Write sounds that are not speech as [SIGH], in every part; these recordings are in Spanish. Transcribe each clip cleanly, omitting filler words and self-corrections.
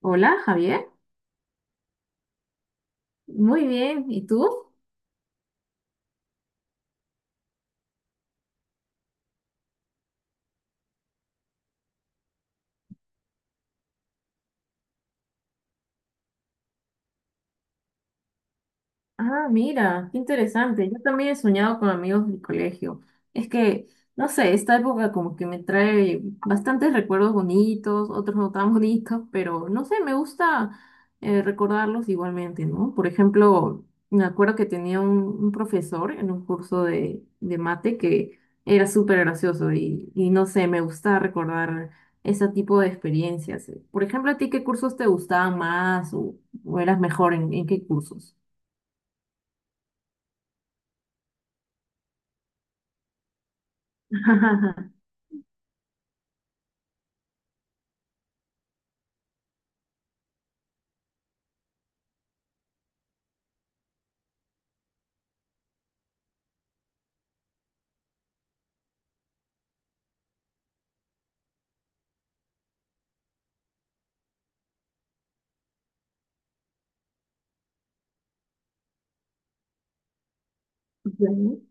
Hola, Javier. Muy bien. ¿Y tú? Ah, mira, qué interesante. Yo también he soñado con amigos del colegio. Es que, no sé, esta época como que me trae bastantes recuerdos bonitos, otros no tan [LAUGHS] bonitos, pero no sé, me gusta recordarlos igualmente, ¿no? Por ejemplo, me acuerdo que tenía un profesor en un curso de mate que era súper gracioso y no sé, me gusta recordar ese tipo de experiencias. Por ejemplo, ¿a ti qué cursos te gustaban más o eras mejor en qué cursos? [LAUGHS] Bueno,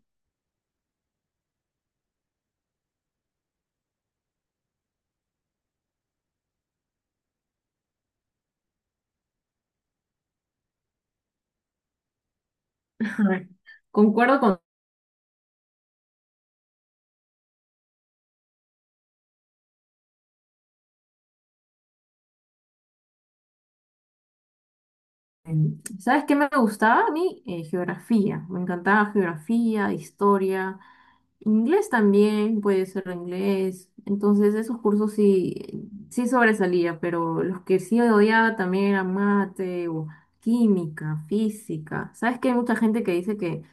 a ver, concuerdo con... ¿Sabes qué me gustaba a mí? Geografía. Me encantaba geografía, historia, inglés también, puede ser inglés. Entonces esos cursos sí, sí sobresalía, pero los que sí odiaba también eran mate o química, física. ¿Sabes que hay mucha gente que dice que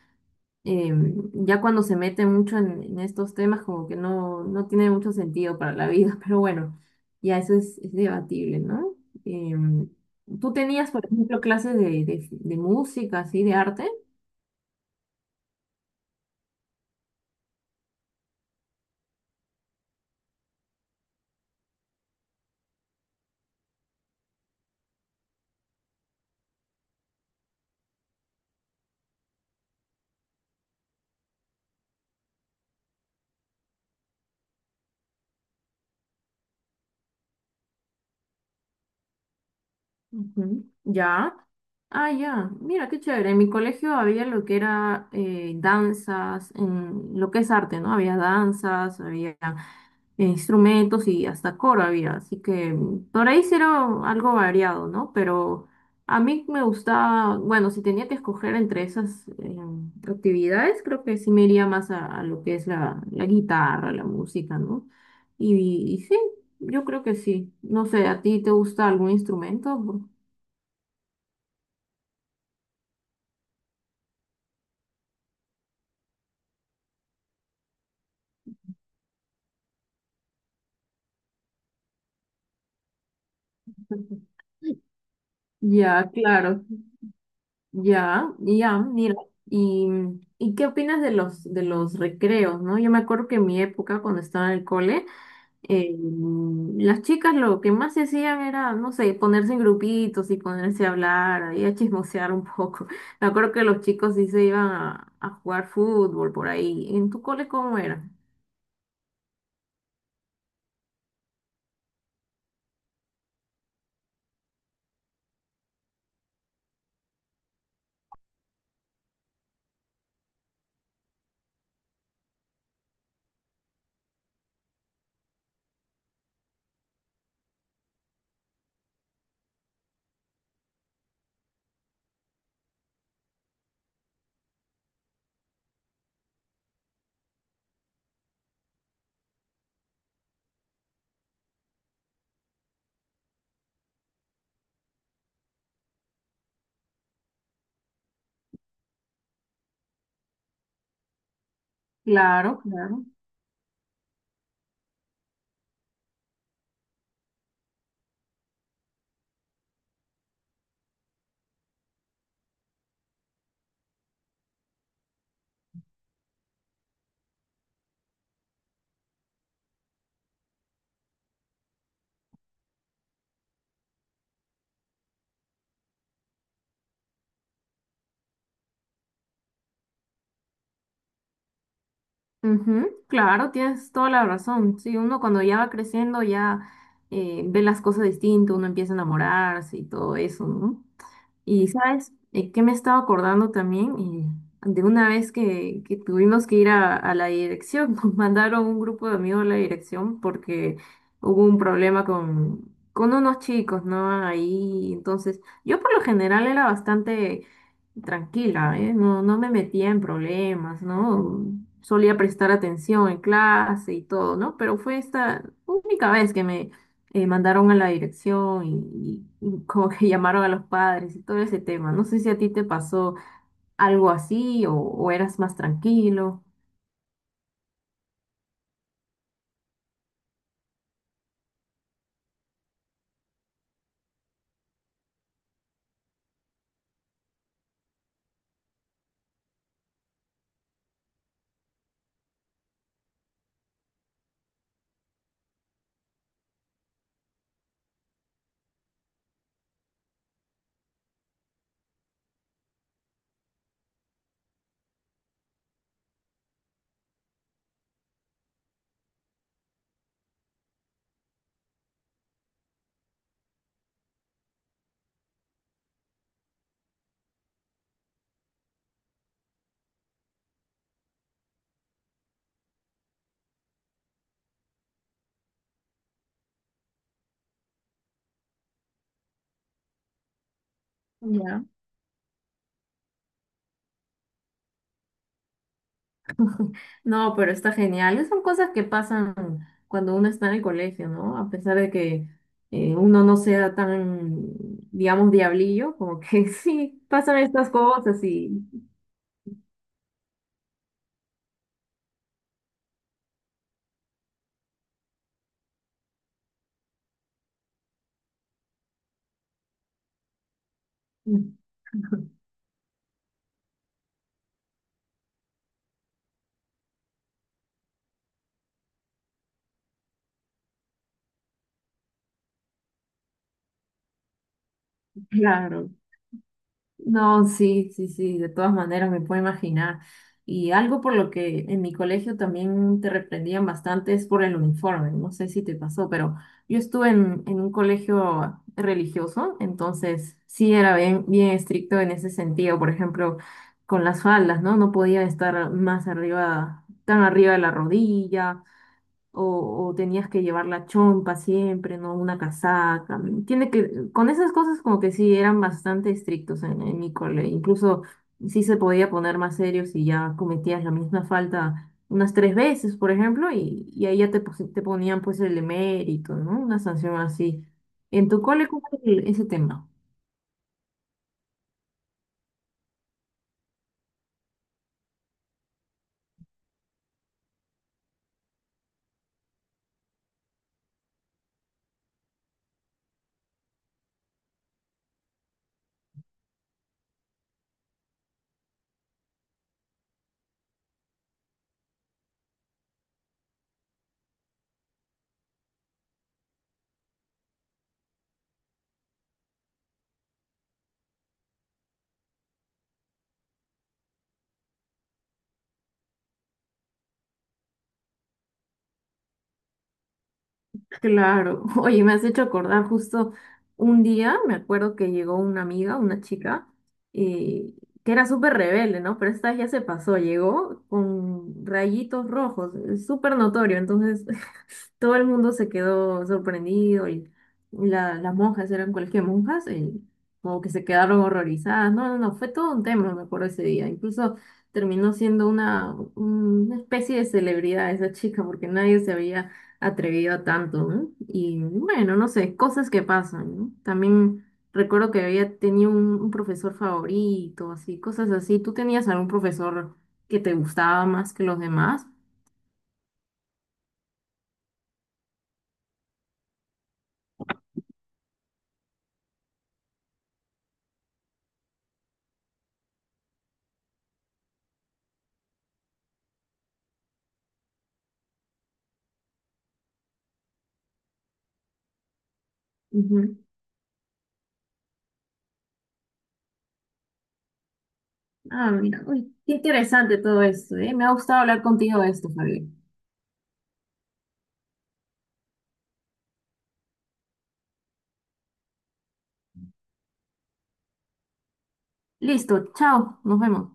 em, ya cuando se mete mucho en estos temas, como que no, no tiene mucho sentido para la vida, [LAUGHS] pero bueno, ya eso es debatible, ¿no? Em, Tú tenías, por ejemplo, clases de música, así, de arte. Ujú. Ya. Ah, ya. Mira, qué chévere. En mi colegio había lo que era danzas, en lo que es arte, ¿no? Había danzas, había instrumentos y hasta coro había, así que mm, por ahí sí era algo variado, ¿no? Pero a mí me gustaba, bueno, si tenía que escoger entre esas actividades, creo que sí me iría más a lo que es la guitarra, la música, ¿no? Y sí, yo creo que sí. No sé, ¿a ti te gusta algún instrumento? [LAUGHS] Ya, claro, ya, ya, mira, y, ¿y qué opinas de los recreos, no? Yo me acuerdo que en mi época, cuando estaba en el cole, eh, las chicas lo que más se hacían era, no sé, ponerse en grupitos y ponerse a hablar, ahí a chismosear un poco. [LAUGHS] Me acuerdo que los chicos sí se iban a jugar fútbol por ahí. ¿En tu cole cómo era? Claro, claro. Ujú, claro, tienes toda la razón. Sí, uno cuando ya va creciendo ya ve las cosas distinto, uno empieza a enamorarse y todo eso, ¿no? Y sabes, eh, que me estaba acordando también, eh, de una vez que tuvimos que ir a la dirección, [LAUGHS] nos mandaron un grupo de amigos a la dirección porque hubo un problema con unos chicos, ¿no? Ahí, entonces, yo por lo general era bastante tranquila, ¿eh? No, no me metía en problemas, ¿no? Solía prestar atención en clase y todo, ¿no? Pero fue esta única vez que me mandaron a la dirección y como que [LAUGHS] llamaron a los padres y todo ese tema. No sé si a ti te pasó algo así o eras más tranquilo. No, pero está genial. Esas son cosas que pasan cuando uno está en el colegio, ¿no? A pesar de que uno no sea tan, digamos, diablillo, como que [LAUGHS] sí, pasan estas cosas y claro. No, sí, sí, sí, de todas maneras me puedo imaginar. Y algo por lo que en mi colegio también te reprendían bastante es por el uniforme. No sé si te pasó, pero yo estuve en un colegio religioso, entonces sí era bien, bien estricto en ese sentido. Por ejemplo, con las faldas, ¿no? No podía estar más arriba, tan arriba de la rodilla o tenías que llevar la chompa siempre, ¿no? Una casaca. Mm, tiene que, con esas cosas como que sí eran bastante estrictos en mi cole. Incluso sí se podía poner más serio si ya cometías la misma falta unas tres veces, por ejemplo, y ahí ya te, te ponían pues el emérito, ¿no? Una sanción así. ¿En tu cole cómo es ese tema? Claro, [LAUGHS] oye, me has hecho acordar justo un día, me acuerdo que llegó una amiga, una chica, y que era súper rebelde, ¿no? Pero esta vez ya se pasó, llegó con rayitos rojos, es súper notorio, entonces [LAUGHS] todo el mundo se quedó sorprendido y las monjas eran cualquier monjas, y como que se quedaron horrorizadas, no, no, no, fue todo un tema, me acuerdo ese día, incluso terminó siendo una especie de celebridad esa chica porque nadie se había atrevido a tanto, ¿no? Y bueno, no sé, cosas que pasan, ¿no? También recuerdo que había tenido un profesor favorito, así, cosas así. ¿Tú tenías algún profesor que te gustaba más que los demás? Ujú. Ah, mira, uy, qué interesante todo esto, ¿eh? Me ha gustado hablar contigo de esto, Javier. Listo, chao, nos vemos.